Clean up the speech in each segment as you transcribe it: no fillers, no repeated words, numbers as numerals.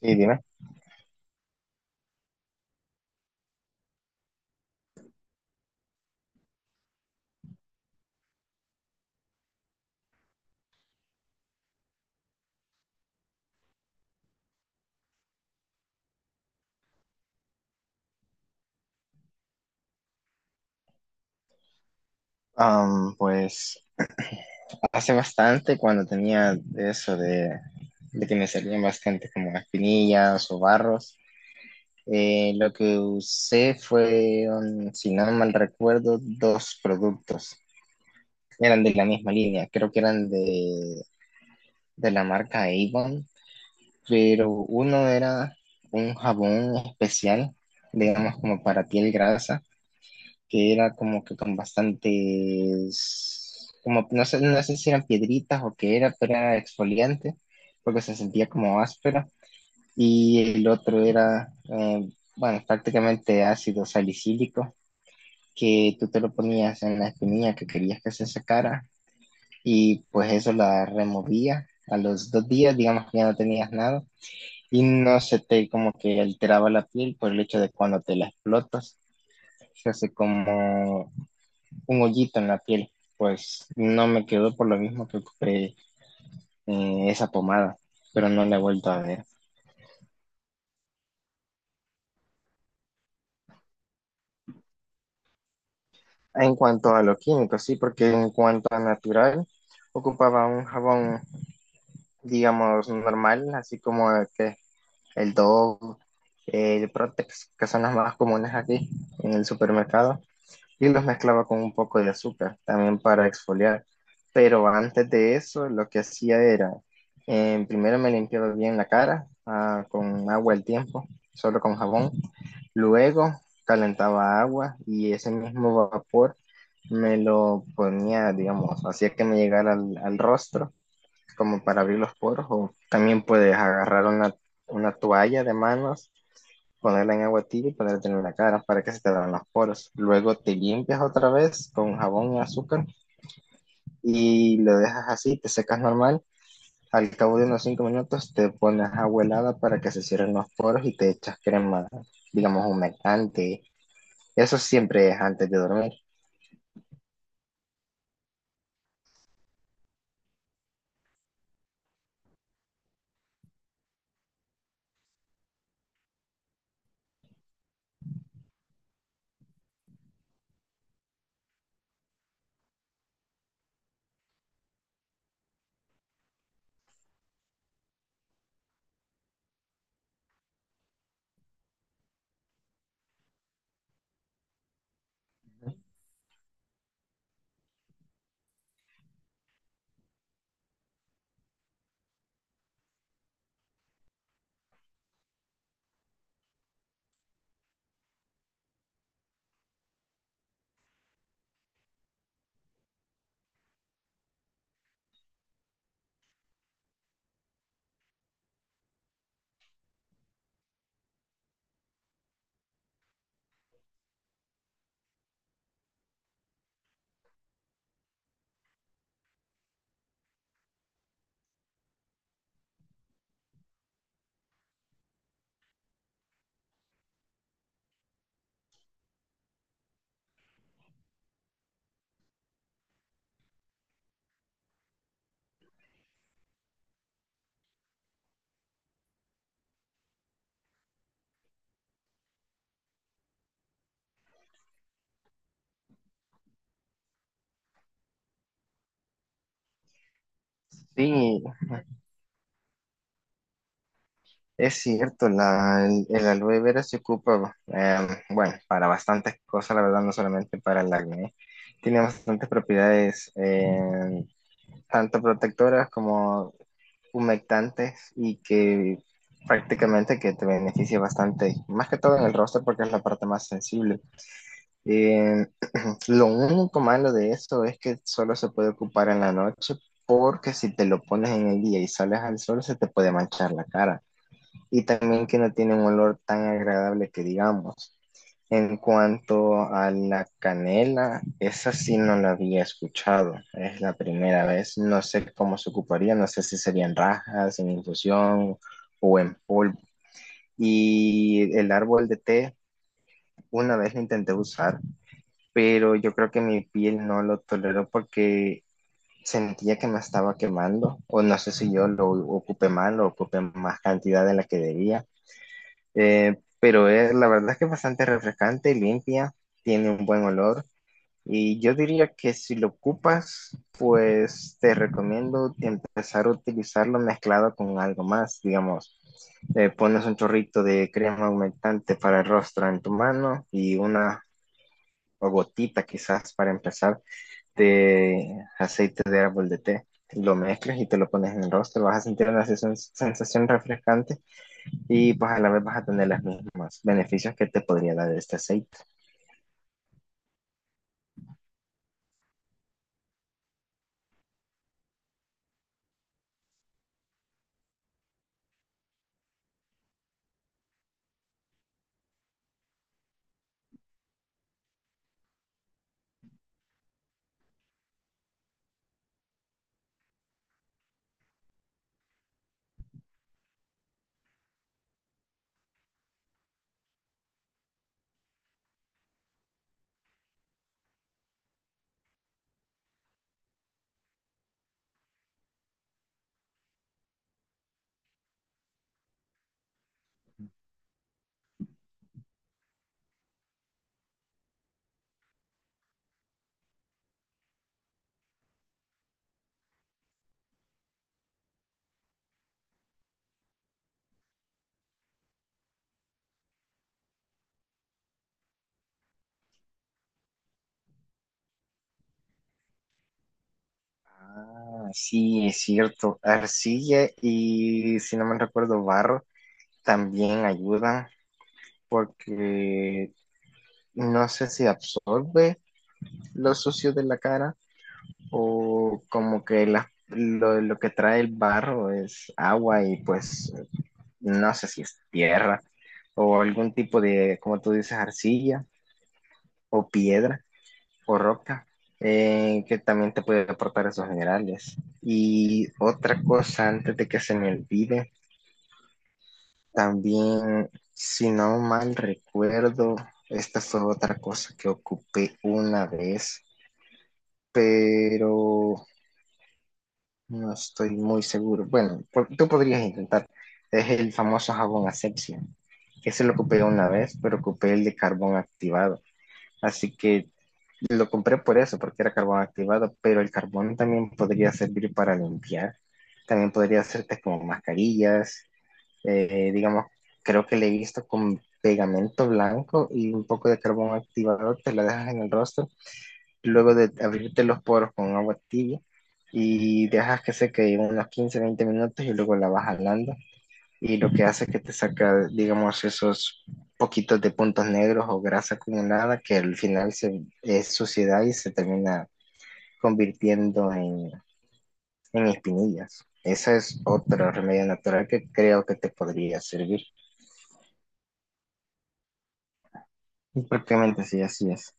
Sí, dime. Pues hace bastante cuando tenía de de que me salían bastante como espinillas o barros. Lo que usé fueron, si no mal recuerdo, 2 productos. Eran de la misma línea, creo que eran de la marca Avon, pero uno era un jabón especial, digamos como para piel grasa que era como que con bastantes, como no sé, no sé si eran piedritas o qué era, pero era exfoliante, porque se sentía como áspera. Y el otro era, bueno, prácticamente ácido salicílico, que tú te lo ponías en la espinilla que querías que se sacara, y pues eso la removía. A los 2 días, digamos que ya no tenías nada, y no se te como que alteraba la piel por el hecho de cuando te la explotas se hace como un hoyito en la piel. Pues no me quedó por lo mismo que compré esa pomada, pero no la he vuelto a ver. En cuanto a lo químico, sí, porque en cuanto a natural, ocupaba un jabón, digamos, normal, así como el que el Dove, el Protex, que son las más comunes aquí en el supermercado. Y los mezclaba con un poco de azúcar también para exfoliar. Pero antes de eso, lo que hacía era, primero me limpiaba bien la cara con agua al tiempo, solo con jabón. Luego calentaba agua y ese mismo vapor me lo ponía, digamos, hacía que me llegara al rostro, como para abrir los poros, o también puedes agarrar una toalla de manos, ponerla en agua tibia y ponerte en la cara para que se te abran los poros. Luego te limpias otra vez con jabón y azúcar y lo dejas así, te secas normal. Al cabo de unos 5 minutos te pones agua helada para que se cierren los poros y te echas crema, digamos, humectante. Eso siempre es antes de dormir. Sí, es cierto, el aloe vera se ocupa, bueno, para bastantes cosas, la verdad, no solamente para el acné. Tiene bastantes propiedades, tanto protectoras como humectantes y que prácticamente que te beneficia bastante, más que todo en el rostro porque es la parte más sensible. Eh, lo único malo de eso es que solo se puede ocupar en la noche, porque si te lo pones en el día y sales al sol se te puede manchar la cara, y también que no tiene un olor tan agradable, que digamos. En cuanto a la canela, esa sí no la había escuchado, es la primera vez, no sé cómo se ocuparía, no sé si serían rajas, en infusión o en polvo. Y el árbol de té, una vez lo intenté usar, pero yo creo que mi piel no lo toleró porque sentía que me estaba quemando, o no sé si yo lo ocupé mal o ocupé más cantidad de la que debía. Pero es, la verdad es que es bastante refrescante, limpia, tiene un buen olor. Y yo diría que si lo ocupas, pues te recomiendo empezar a utilizarlo mezclado con algo más, digamos. Pones un chorrito de crema aumentante para el rostro en tu mano y una o gotita quizás para empezar de aceite de árbol de té. Lo mezclas y te lo pones en el rostro, vas a sentir una sensación refrescante y pues a la vez vas a tener los mismos beneficios que te podría dar este aceite. Ah, sí, es cierto. Arcilla y, si no me recuerdo, barro también ayudan porque no sé si absorbe lo sucio de la cara, o como que lo que trae el barro es agua, y pues no sé si es tierra o algún tipo de, como tú dices, arcilla o piedra. Correcta, que también te puede aportar esos minerales. Y otra cosa, antes de que se me olvide, también, si no mal recuerdo, esta fue otra cosa que ocupé una vez, pero no estoy muy seguro. Bueno, tú podrías intentar. Es el famoso jabón asepsia, que se lo ocupé una vez, pero ocupé el de carbón activado. Así que lo compré por eso, porque era carbón activado, pero el carbón también podría servir para limpiar. También podría hacerte como mascarillas, digamos, creo que le he visto con pegamento blanco y un poco de carbón activado, te la dejas en el rostro, luego de abrirte los poros con agua tibia, y dejas que seque unos 15 20 minutos y luego la vas jalando, y lo que hace es que te saca, digamos, esos poquitos de puntos negros o grasa acumulada que al final se, es suciedad y se termina convirtiendo en espinillas. Esa es otra remedio natural que creo que te podría servir. Y prácticamente sí, así es.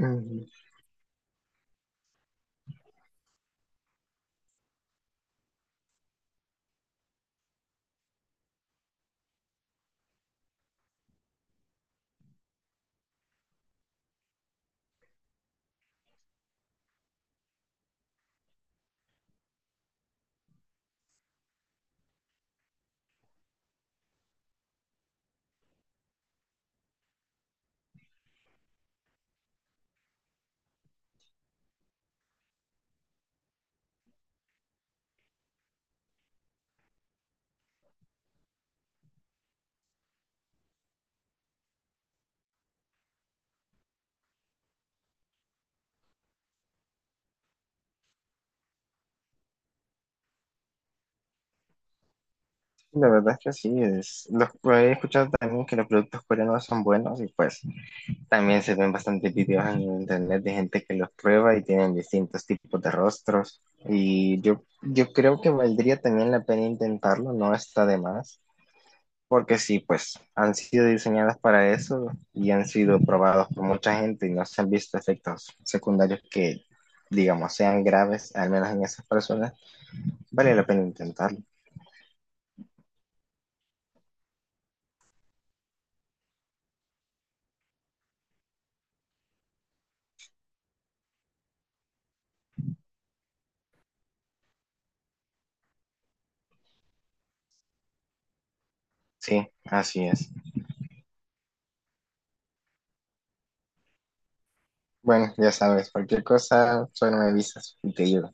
Mm, la verdad es que sí, he escuchado también que los productos coreanos son buenos y pues también se ven bastantes videos en internet de gente que los prueba y tienen distintos tipos de rostros. Y yo creo que valdría también la pena intentarlo, no está de más, porque sí, pues han sido diseñadas para eso y han sido probados por mucha gente y no se han visto efectos secundarios que, digamos, sean graves, al menos en esas personas. Vale la pena intentarlo. Sí, así es. Bueno, ya sabes, cualquier cosa, solo me avisas y te ayudo.